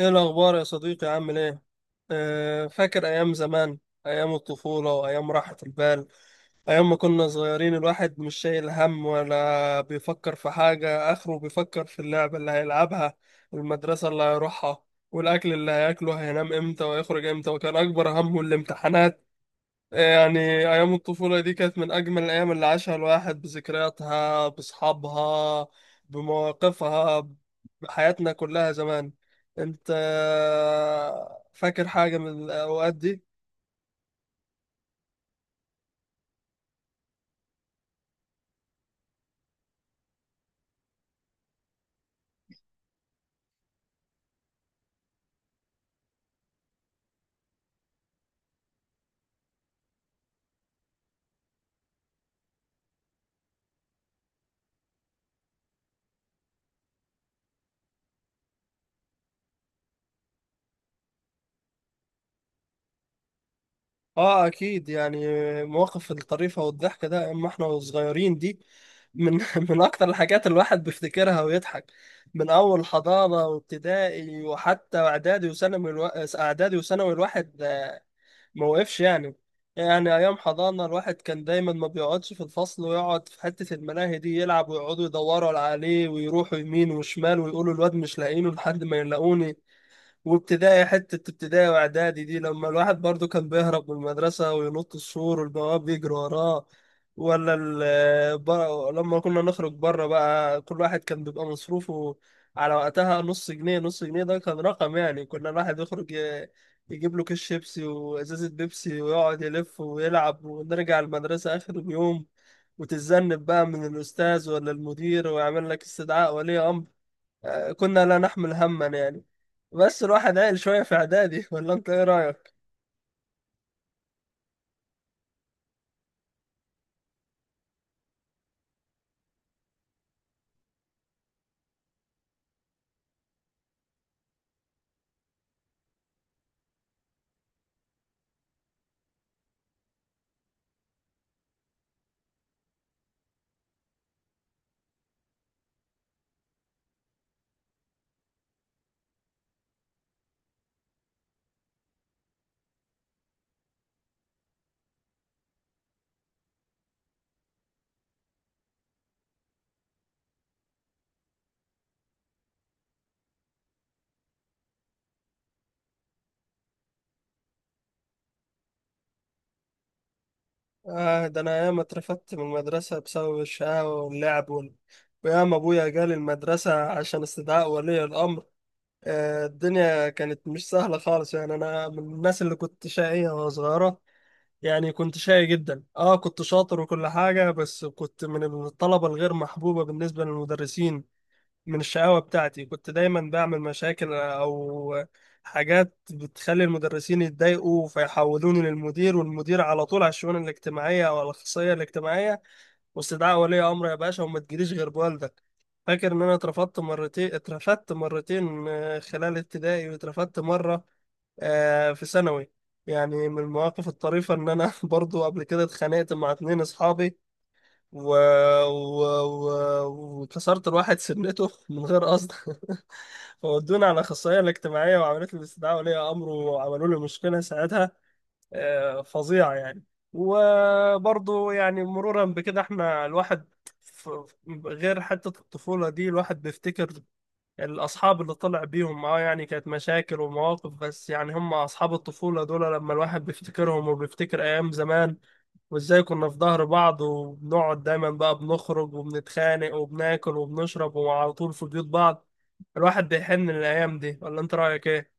ايه الاخبار يا صديقي؟ عامل ايه؟ أه، فاكر ايام زمان، ايام الطفوله وايام راحه البال، ايام ما كنا صغيرين الواحد مش شايل هم ولا بيفكر في حاجه اخره، بيفكر في اللعبه اللي هيلعبها والمدرسه اللي هيروحها والاكل اللي هياكله، هينام امتى ويخرج امتى، وكان اكبر همه الامتحانات. يعني أيام الطفولة دي كانت من أجمل الأيام اللي عاشها الواحد، بذكرياتها بأصحابها بمواقفها، بحياتنا كلها زمان. أنت فاكر حاجة من الأوقات دي؟ آه أكيد يعني، مواقف الطريفة والضحكة ده أما إحنا صغيرين دي من من أكتر الحاجات الواحد بيفتكرها ويضحك، من أول حضانة وابتدائي وحتى إعدادي وثانوي الواحد ما وقفش يعني. يعني أيام حضانة الواحد كان دايما ما بيقعدش في الفصل، ويقعد في حتة الملاهي دي يلعب، ويقعدوا يدوروا عليه ويروحوا يمين وشمال ويقولوا الواد مش لاقيينه لحد ما يلاقوني. وابتدائي، حتة ابتدائي واعدادي دي لما الواحد برضو كان بيهرب من المدرسة وينط السور والبواب يجري وراه. لما كنا نخرج بره بقى كل واحد كان بيبقى مصروفه على وقتها نص جنيه، نص جنيه ده كان رقم يعني، كنا الواحد يخرج يجيب له كيس شيبسي وازازة بيبسي ويقعد يلف ويلعب، ونرجع المدرسة آخر اليوم وتتذنب بقى من الأستاذ ولا المدير، ويعمل لك استدعاء ولي أمر. آه، كنا لا نحمل هما يعني، بس الواحد عقل شوية في إعدادي. ولا أنت إيه رأيك؟ آه ده أنا ياما اترفدت من المدرسة بسبب الشقاوة واللعب وياما أبويا جالي المدرسة عشان استدعاء ولي الأمر. آه، الدنيا كانت مش سهلة خالص يعني، أنا من الناس اللي كنت شقية وأنا صغيرة، يعني كنت شقي جدا، كنت شاطر وكل حاجة، بس كنت من الطلبة الغير محبوبة بالنسبة للمدرسين. من الشقاوة بتاعتي كنت دايما بعمل مشاكل أو حاجات بتخلي المدرسين يتضايقوا، فيحولوني للمدير، والمدير على طول على الشؤون الاجتماعية أو على الأخصائية الاجتماعية واستدعاء ولي أمر يا باشا، وما تجيليش غير بوالدك. فاكر إن أنا اترفضت مرتين، اترفدت مرتين خلال ابتدائي، واترفدت مرة في ثانوي. يعني من المواقف الطريفة إن أنا برضو قبل كده اتخانقت مع اتنين أصحابي و... و... وكسرت الواحد سنته من غير قصد. فودوني على الأخصائية الاجتماعية، وعملت لي استدعاء ولي أمر، وعملوا لي مشكلة ساعتها فظيعة يعني. وبرضه يعني مرورا بكده احنا الواحد، ف- غير حتة الطفولة دي الواحد بيفتكر الأصحاب اللي طلع بيهم، يعني كانت مشاكل ومواقف بس، يعني هم أصحاب الطفولة دول لما الواحد بيفتكرهم وبيفتكر أيام زمان، وازاي كنا في ظهر بعض، وبنقعد دايما بقى بنخرج وبنتخانق وبناكل وبنشرب، وعلى طول في بيوت بعض. الواحد بيحن للأيام دي. ولا انت رأيك ايه؟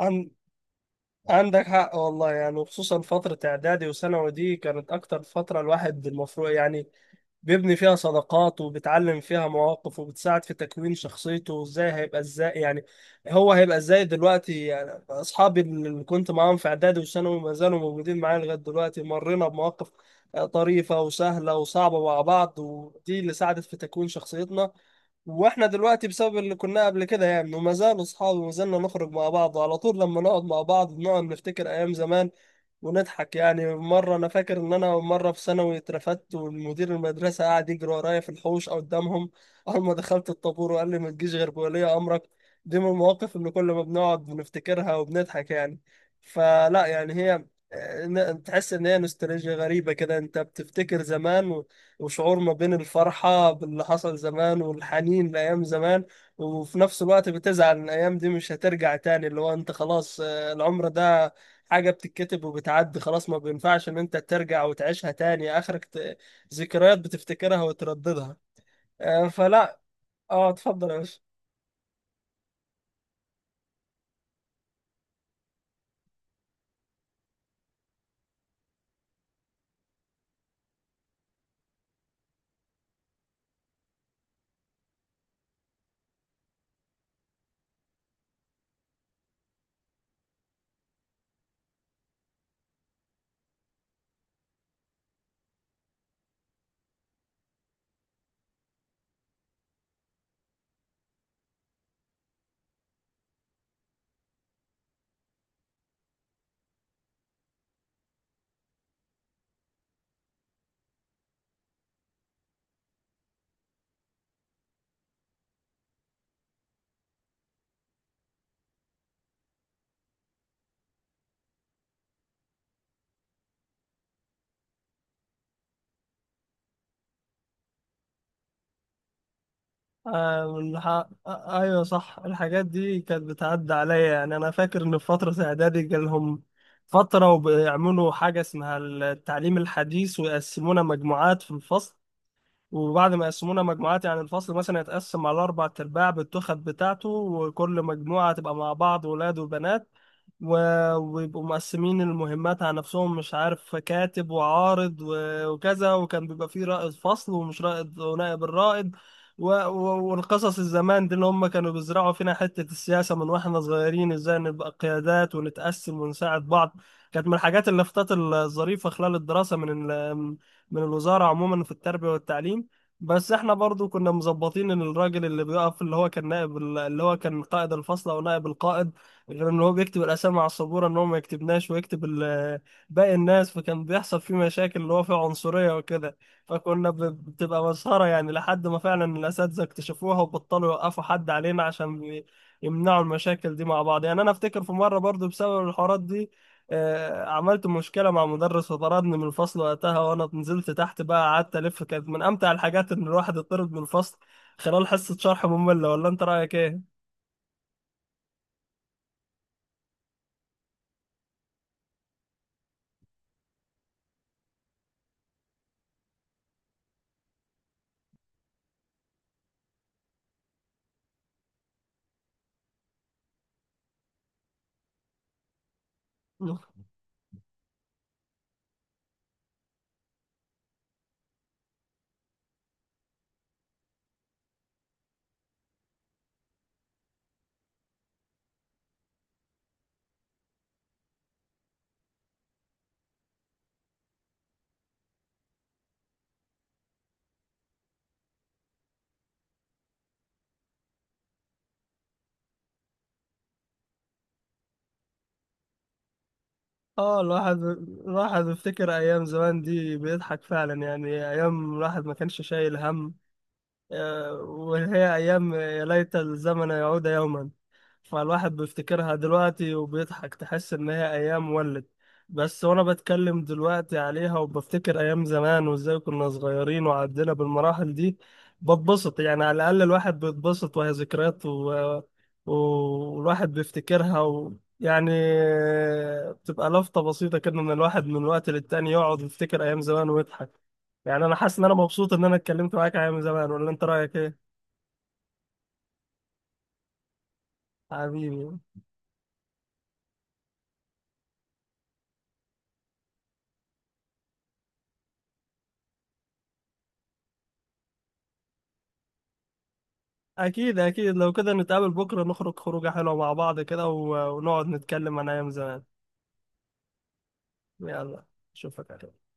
عن... عندك حق والله يعني، وخصوصا فترة إعدادي وثانوي دي كانت أكتر فترة الواحد المفروض يعني بيبني فيها صداقات، وبتعلم فيها مواقف، وبتساعد في تكوين شخصيته وازاي هيبقى، ازاي يعني هو هيبقى ازاي دلوقتي. يعني اصحابي اللي كنت معاهم في اعدادي وثانوي ما زالوا موجودين معايا لغايه دلوقتي، مرينا بمواقف طريفه وسهله وصعبه مع بعض، ودي اللي ساعدت في تكوين شخصيتنا، واحنا دلوقتي بسبب اللي كنا قبل كده يعني، وما زالوا اصحابي وما زلنا نخرج مع بعض، وعلى طول لما نقعد مع بعض بنقعد نفتكر ايام زمان ونضحك. يعني مرة أنا فاكر إن أنا مرة في ثانوي اترفدت، والمدير المدرسة قعد يجري ورايا في الحوش أو قدامهم أول ما دخلت الطابور، وقال لي ما تجيش غير بولي أمرك. دي من المواقف اللي كل ما بنقعد بنفتكرها وبنضحك يعني. فلا، يعني هي تحس إن هي نوستالجيا غريبة كده، أنت بتفتكر زمان، وشعور ما بين الفرحة باللي حصل زمان والحنين لأيام زمان، وفي نفس الوقت بتزعل إن الأيام دي مش هترجع تاني، اللي هو أنت خلاص، العمر ده حاجة بتتكتب وبتعدي خلاص، ما بينفعش ان انت ترجع وتعيشها تاني، اخرك ذكريات بتفتكرها وترددها فلا. اه اتفضل يا باشا. آه الح... آه ايوه صح، الحاجات دي كانت بتعدي عليا يعني، انا فاكر ان في فترة اعدادي جالهم فترة وبيعملوا حاجة اسمها التعليم الحديث، ويقسمونا مجموعات في الفصل، وبعد ما يقسمونا مجموعات يعني الفصل مثلا يتقسم على أربع أرباع بالتخت بتاعته، وكل مجموعة تبقى مع بعض ولاد وبنات، ويبقوا مقسمين المهمات على نفسهم، مش عارف، كاتب وعارض وكذا، وكان بيبقى فيه رائد فصل ومش رائد ونائب الرائد، والقصص الزمان دي اللي هم كانوا بيزرعوا فينا حتة السياسة من واحنا صغيرين، ازاي نبقى قيادات ونتقسم ونساعد بعض. كانت من الحاجات اللافتات الظريفة خلال الدراسة من الوزارة عموما في التربية والتعليم. بس احنا برضو كنا مظبطين ان الراجل اللي بيقف، اللي هو كان اللي هو كان قائد الفصل او نائب القائد، غير ان هو بيكتب الاسامي على السبوره، ان هو ما يكتبناش ويكتب باقي الناس، فكان بيحصل فيه مشاكل اللي هو فيه عنصريه وكده. فكنا بتبقى مسخره يعني، لحد ما فعلا الاساتذه اكتشفوها وبطلوا يوقفوا حد علينا عشان يمنعوا المشاكل دي مع بعض. يعني انا افتكر في مره برضو بسبب الحوارات دي عملت مشكله مع مدرس وطردني من الفصل وقتها، وانا نزلت تحت بقى قعدت الف. كانت من امتع الحاجات ان الواحد يطرد من الفصل خلال حصه شرح ممله. ولا انت رايك ايه؟ اه، الواحد، الواحد بيفتكر ايام زمان دي بيضحك فعلا، يعني ايام الواحد ما كانش شايل هم، وهي أيام يا ليت الزمن يعود يوما. فالواحد بيفتكرها دلوقتي وبيضحك، تحس إن هي أيام ولد. بس وأنا بتكلم دلوقتي عليها وبفتكر أيام زمان، وإزاي كنا صغيرين وعدينا بالمراحل دي، بتبسط يعني، على الأقل الواحد بيتبسط وهي ذكريات، والواحد بيفتكرها يعني بتبقى لفتة بسيطة كده، إن الواحد من وقت للتاني يقعد يفتكر أيام زمان ويضحك. يعني انا حاسس ان انا مبسوط ان انا اتكلمت معاك يا من زمان. ولا انت رايك ايه؟ حبيبي، اكيد اكيد، لو كده نتقابل بكره نخرج خروجه حلوه مع بعض كده، ونقعد نتكلم عن ايام زمان. يلا، اشوفك على خير.